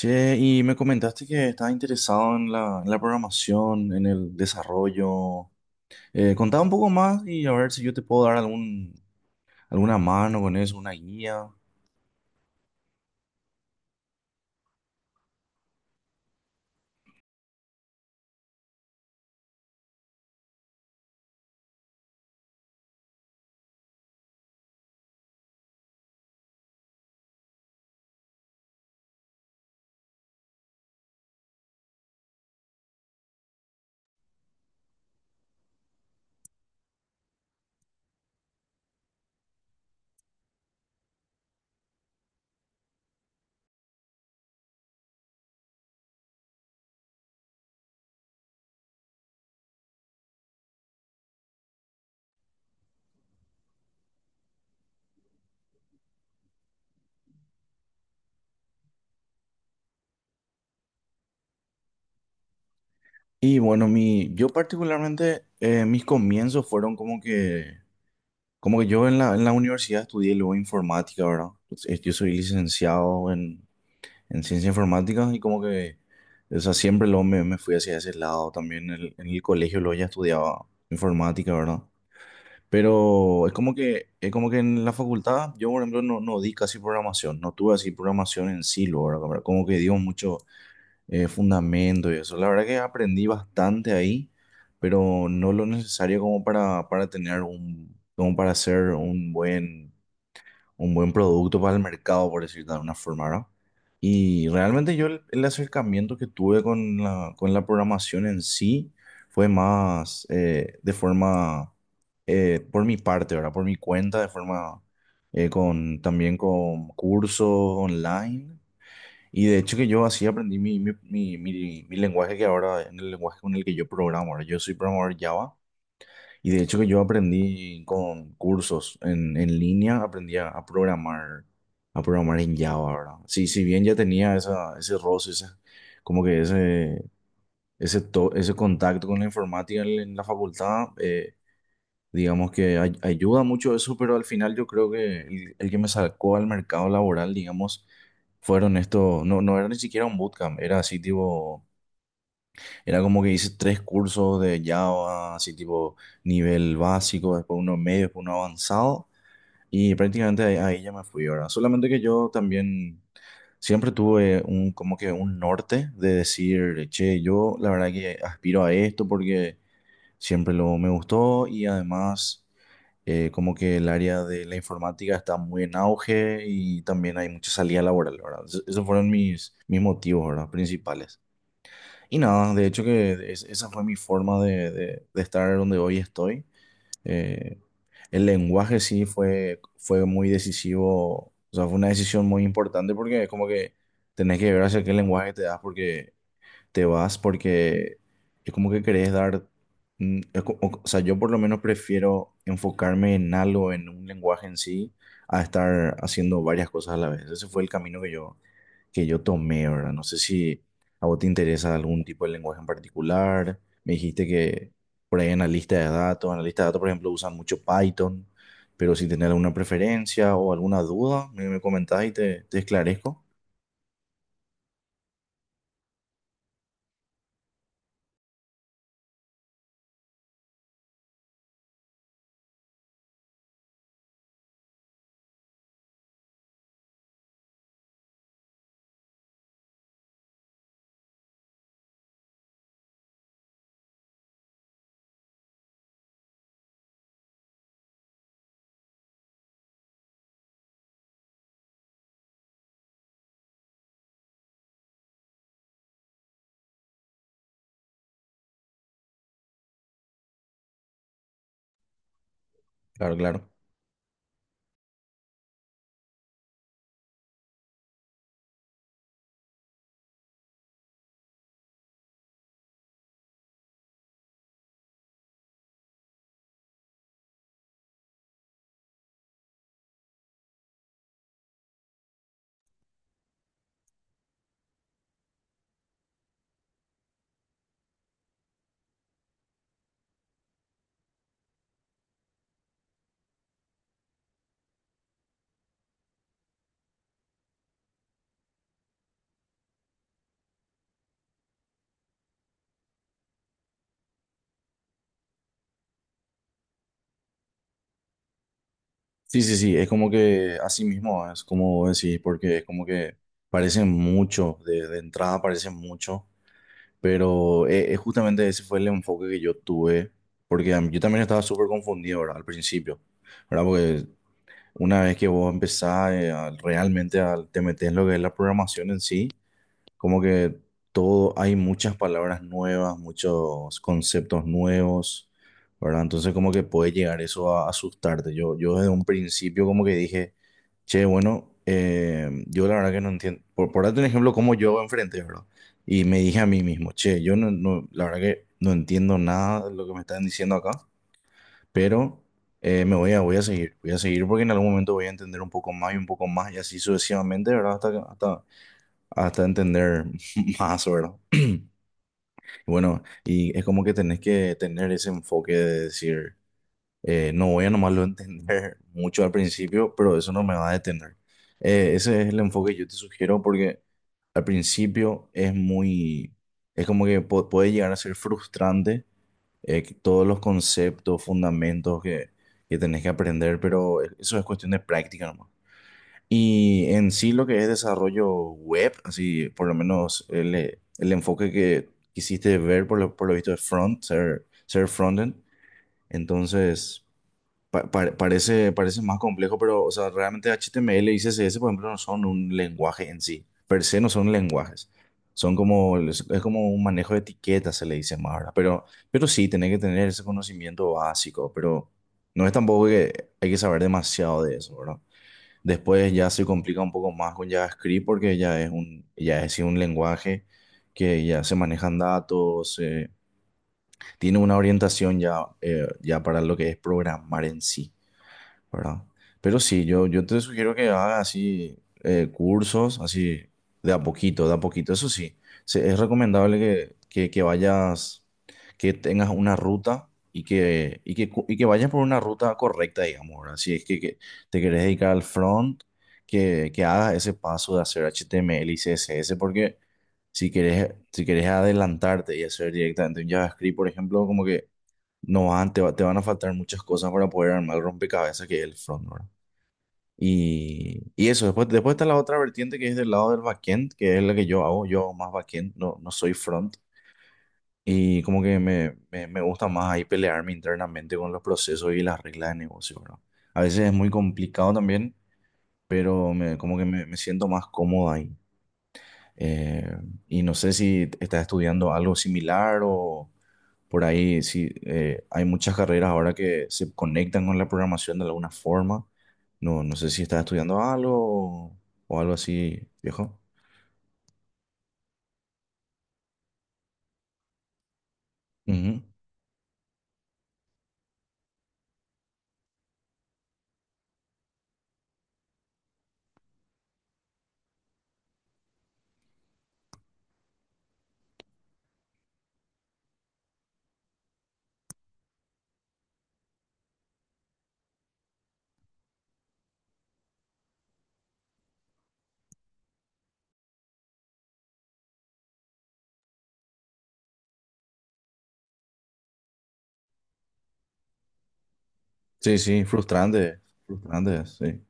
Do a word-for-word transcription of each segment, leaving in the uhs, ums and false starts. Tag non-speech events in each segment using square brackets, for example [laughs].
Che, y me comentaste que estás interesado en la, en la programación, en el desarrollo. Eh, contá un poco más y a ver si yo te puedo dar algún, alguna mano con eso, una guía. Y bueno, mi, yo particularmente, eh, mis comienzos fueron como que, como que yo en la, en la universidad estudié luego informática, ¿verdad? Pues, eh, yo soy licenciado en, en ciencia informática y como que, o sea, siempre luego me, me fui hacia ese lado. También en el, en el colegio luego ya estudiaba informática, ¿verdad? Pero es como que, es como que en la facultad, yo por ejemplo no, no di casi programación, no tuve así programación en sí, luego, ¿verdad? Como como que dio mucho eh, fundamento y eso. La verdad que aprendí bastante ahí, pero no lo necesario como para, para tener un, como para hacer un buen, un buen producto para el mercado, por decirlo de alguna forma, ¿verdad? Y realmente yo el, el acercamiento que tuve con la, con la programación en sí fue más eh, de forma eh, por mi parte, ¿verdad? Por mi cuenta, de forma eh, con también con cursos online. Y de hecho que yo así aprendí mi, mi, mi, mi- mi lenguaje que ahora, en el lenguaje con el que yo programo, ¿verdad? Yo soy programador Java y de hecho que yo aprendí con cursos en, en línea, aprendí a, a programar, a programar en Java, ¿verdad? Sí, si bien ya tenía esa, ese roce, ese- como que ese, ese, to- ese contacto con la informática en, en la facultad. Eh, Digamos que ay- ayuda mucho eso, pero al final yo creo que el, el que me sacó al mercado laboral, digamos, fueron estos, no, no era ni siquiera un bootcamp, era así tipo, era como que hice tres cursos de Java, así tipo nivel básico, después uno medio, después uno avanzado, y prácticamente ahí, ahí ya me fui ahora. Solamente que yo también siempre tuve un, como que un norte de decir, che, yo la verdad que aspiro a esto porque siempre lo me gustó y además eh, como que el área de la informática está muy en auge y también hay mucha salida laboral, ¿verdad? Es- Esos fueron mis, mis motivos, ¿verdad? Principales. Y nada, de hecho que es- esa fue mi forma de, de- de estar donde hoy estoy. Eh, el lenguaje sí fue, fue muy decisivo, o sea, fue una decisión muy importante porque es como que tenés que ver hacia qué lenguaje te das porque te vas porque es como que querés dar, mm, es co- o, o sea, yo por lo menos prefiero enfocarme en algo, en un lenguaje en sí, a estar haciendo varias cosas a la vez. Ese fue el camino que yo, que yo tomé, ¿verdad? No sé si a vos te interesa algún tipo de lenguaje en particular. Me dijiste que por ahí analista de datos, analista de datos, por ejemplo, usan mucho Python, pero si tenés alguna preferencia o alguna duda, me, me comentás y te, te esclarezco. Claro, claro. Sí, sí, sí, es como que así mismo, es como decir, porque es como que parecen mucho, de, de entrada parecen mucho, pero eh, eh, justamente ese fue el enfoque que yo tuve, porque a mí- yo también estaba súper confundido, ¿verdad? Al principio, ¿verdad? Porque una vez que vos empezás eh, a- realmente a, te metes en lo que es la programación en sí, como que todo, hay muchas palabras nuevas, muchos conceptos nuevos, ¿verdad? Entonces como que puede llegar eso a asustarte. Yo, yo desde un principio como que dije, che, bueno, eh, yo la verdad que no entiendo, por, por darte un ejemplo, cómo yo enfrenté, ¿verdad? Y me dije a mí mismo, che, yo no, no- la verdad que no entiendo nada de lo que me están diciendo acá, pero eh, me voy a, voy a seguir, voy a seguir porque en algún momento voy a entender un poco más y un poco más y así sucesivamente, ¿verdad? Hasta, que- hasta hasta entender [laughs] más, ¿verdad? Bueno, y es como que tenés que tener ese enfoque de decir, eh, no voy a nomás lo entender [laughs] mucho al principio, pero eso no me va a detener. Eh, ese es el enfoque que yo te sugiero porque al principio es muy, es como que pu- puede llegar a ser frustrante eh, que todos los conceptos, fundamentos que, que tenés que aprender, pero e-, eso es cuestión de práctica nomás. Y en sí lo que es desarrollo web, así por lo menos el, eh, el enfoque que quisiste ver por lo, por lo visto de front, ser, ser frontend, entonces pa- pa- parece, parece más complejo, pero o sea, realmente H T M L y C S S, por ejemplo, no son un lenguaje en sí, per se no son lenguajes, son como, es es como un manejo de etiquetas, se le dice más ahora, pero, pero sí, tenés que tener ese conocimiento básico, pero no es tampoco que hay que saber demasiado de eso. Después ya se complica un poco más con JavaScript porque ya es un, ya es un lenguaje que ya se manejan datos, eh, tiene una orientación ya, eh, ya para lo que es programar en sí, ¿verdad? Pero sí, yo, yo te sugiero que hagas así eh, cursos, así de a poquito, de a poquito. Eso sí, se- es recomendable que, que, que vayas, que tengas una ruta y que, y que, cu- y que vayas por una ruta correcta, digamos, ¿verdad? Si es que, que te querés dedicar al front, que, que hagas ese paso de hacer H T M L y C S S, porque si querés, si querés adelantarte y hacer directamente un JavaScript, por ejemplo, como que no, van- te, va- te van a faltar muchas cosas para poder armar el rompecabezas que es el front, ¿verdad? Y, y eso, después, después está la otra vertiente que es del lado del backend, que es la que yo hago, yo hago más backend, no, no soy front. Y como que me, me, me gusta más ahí pelearme internamente con los procesos y las reglas de negocio, ¿verdad? A veces es muy complicado también, pero me, como que me, me siento más cómodo ahí. Eh, y no sé si estás estudiando algo similar o... Por ahí sí, eh, hay muchas carreras ahora que se conectan con la programación de alguna forma. No, no sé si estás estudiando algo o o algo así, viejo. Ujú. Sí, sí, frustrante, frustrante, sí.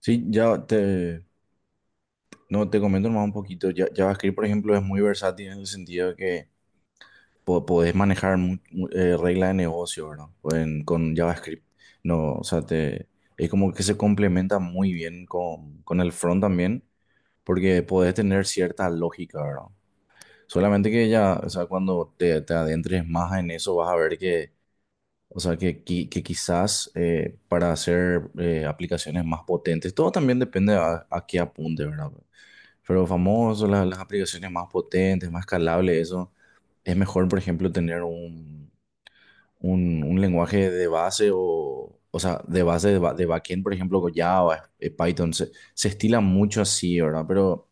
Sí, ya te, no, te comento nomás un poquito. Ya, JavaScript, por ejemplo, es muy versátil en el sentido de que po- podés manejar mu- mu- eh, reglas de negocio, ¿verdad? En con JavaScript. No, o sea, te, es como que se complementa muy bien con, con el front también, porque podés tener cierta lógica, ¿verdad? Solamente que ya, o sea, cuando te, te adentres más en eso, vas a ver que, o sea, que, qui- que quizás eh, para hacer eh, aplicaciones más potentes, todo también depende a, a qué apunte, ¿verdad? Pero famoso, la- las aplicaciones más potentes, más escalables, eso, es mejor, por ejemplo, tener un, un, un lenguaje de base o, o sea, de base de, ba- de backend, por ejemplo, con Java, eh, Python, se, se estila mucho así, ¿verdad? Pero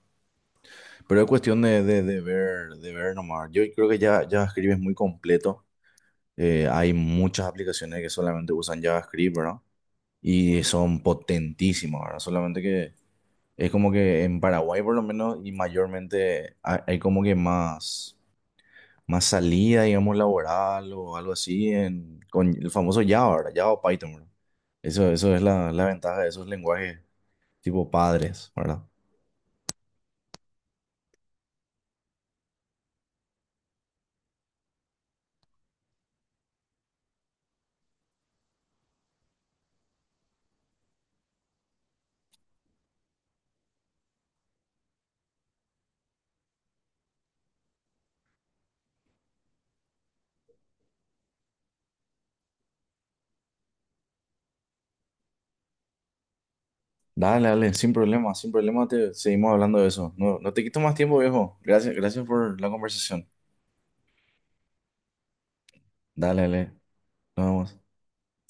Pero es cuestión de, de- de ver, de ver nomás. Yo creo que ya JavaScript es muy completo. Eh, hay muchas aplicaciones que solamente usan JavaScript, ¿verdad? Y son potentísimas, ¿verdad? Solamente que es como que en Paraguay por lo menos y mayormente hay, hay como que más, más salida, digamos, laboral o algo así en, con el famoso Java, ¿verdad? Java o Python, ¿verdad? Eso, eso es la, la ventaja de esos lenguajes tipo padres, ¿verdad? Dale, dale, sin problema, sin problema te seguimos hablando de eso. No, no te quito más tiempo, viejo. Gracias, gracias por la conversación. Dale, dale, nos vemos.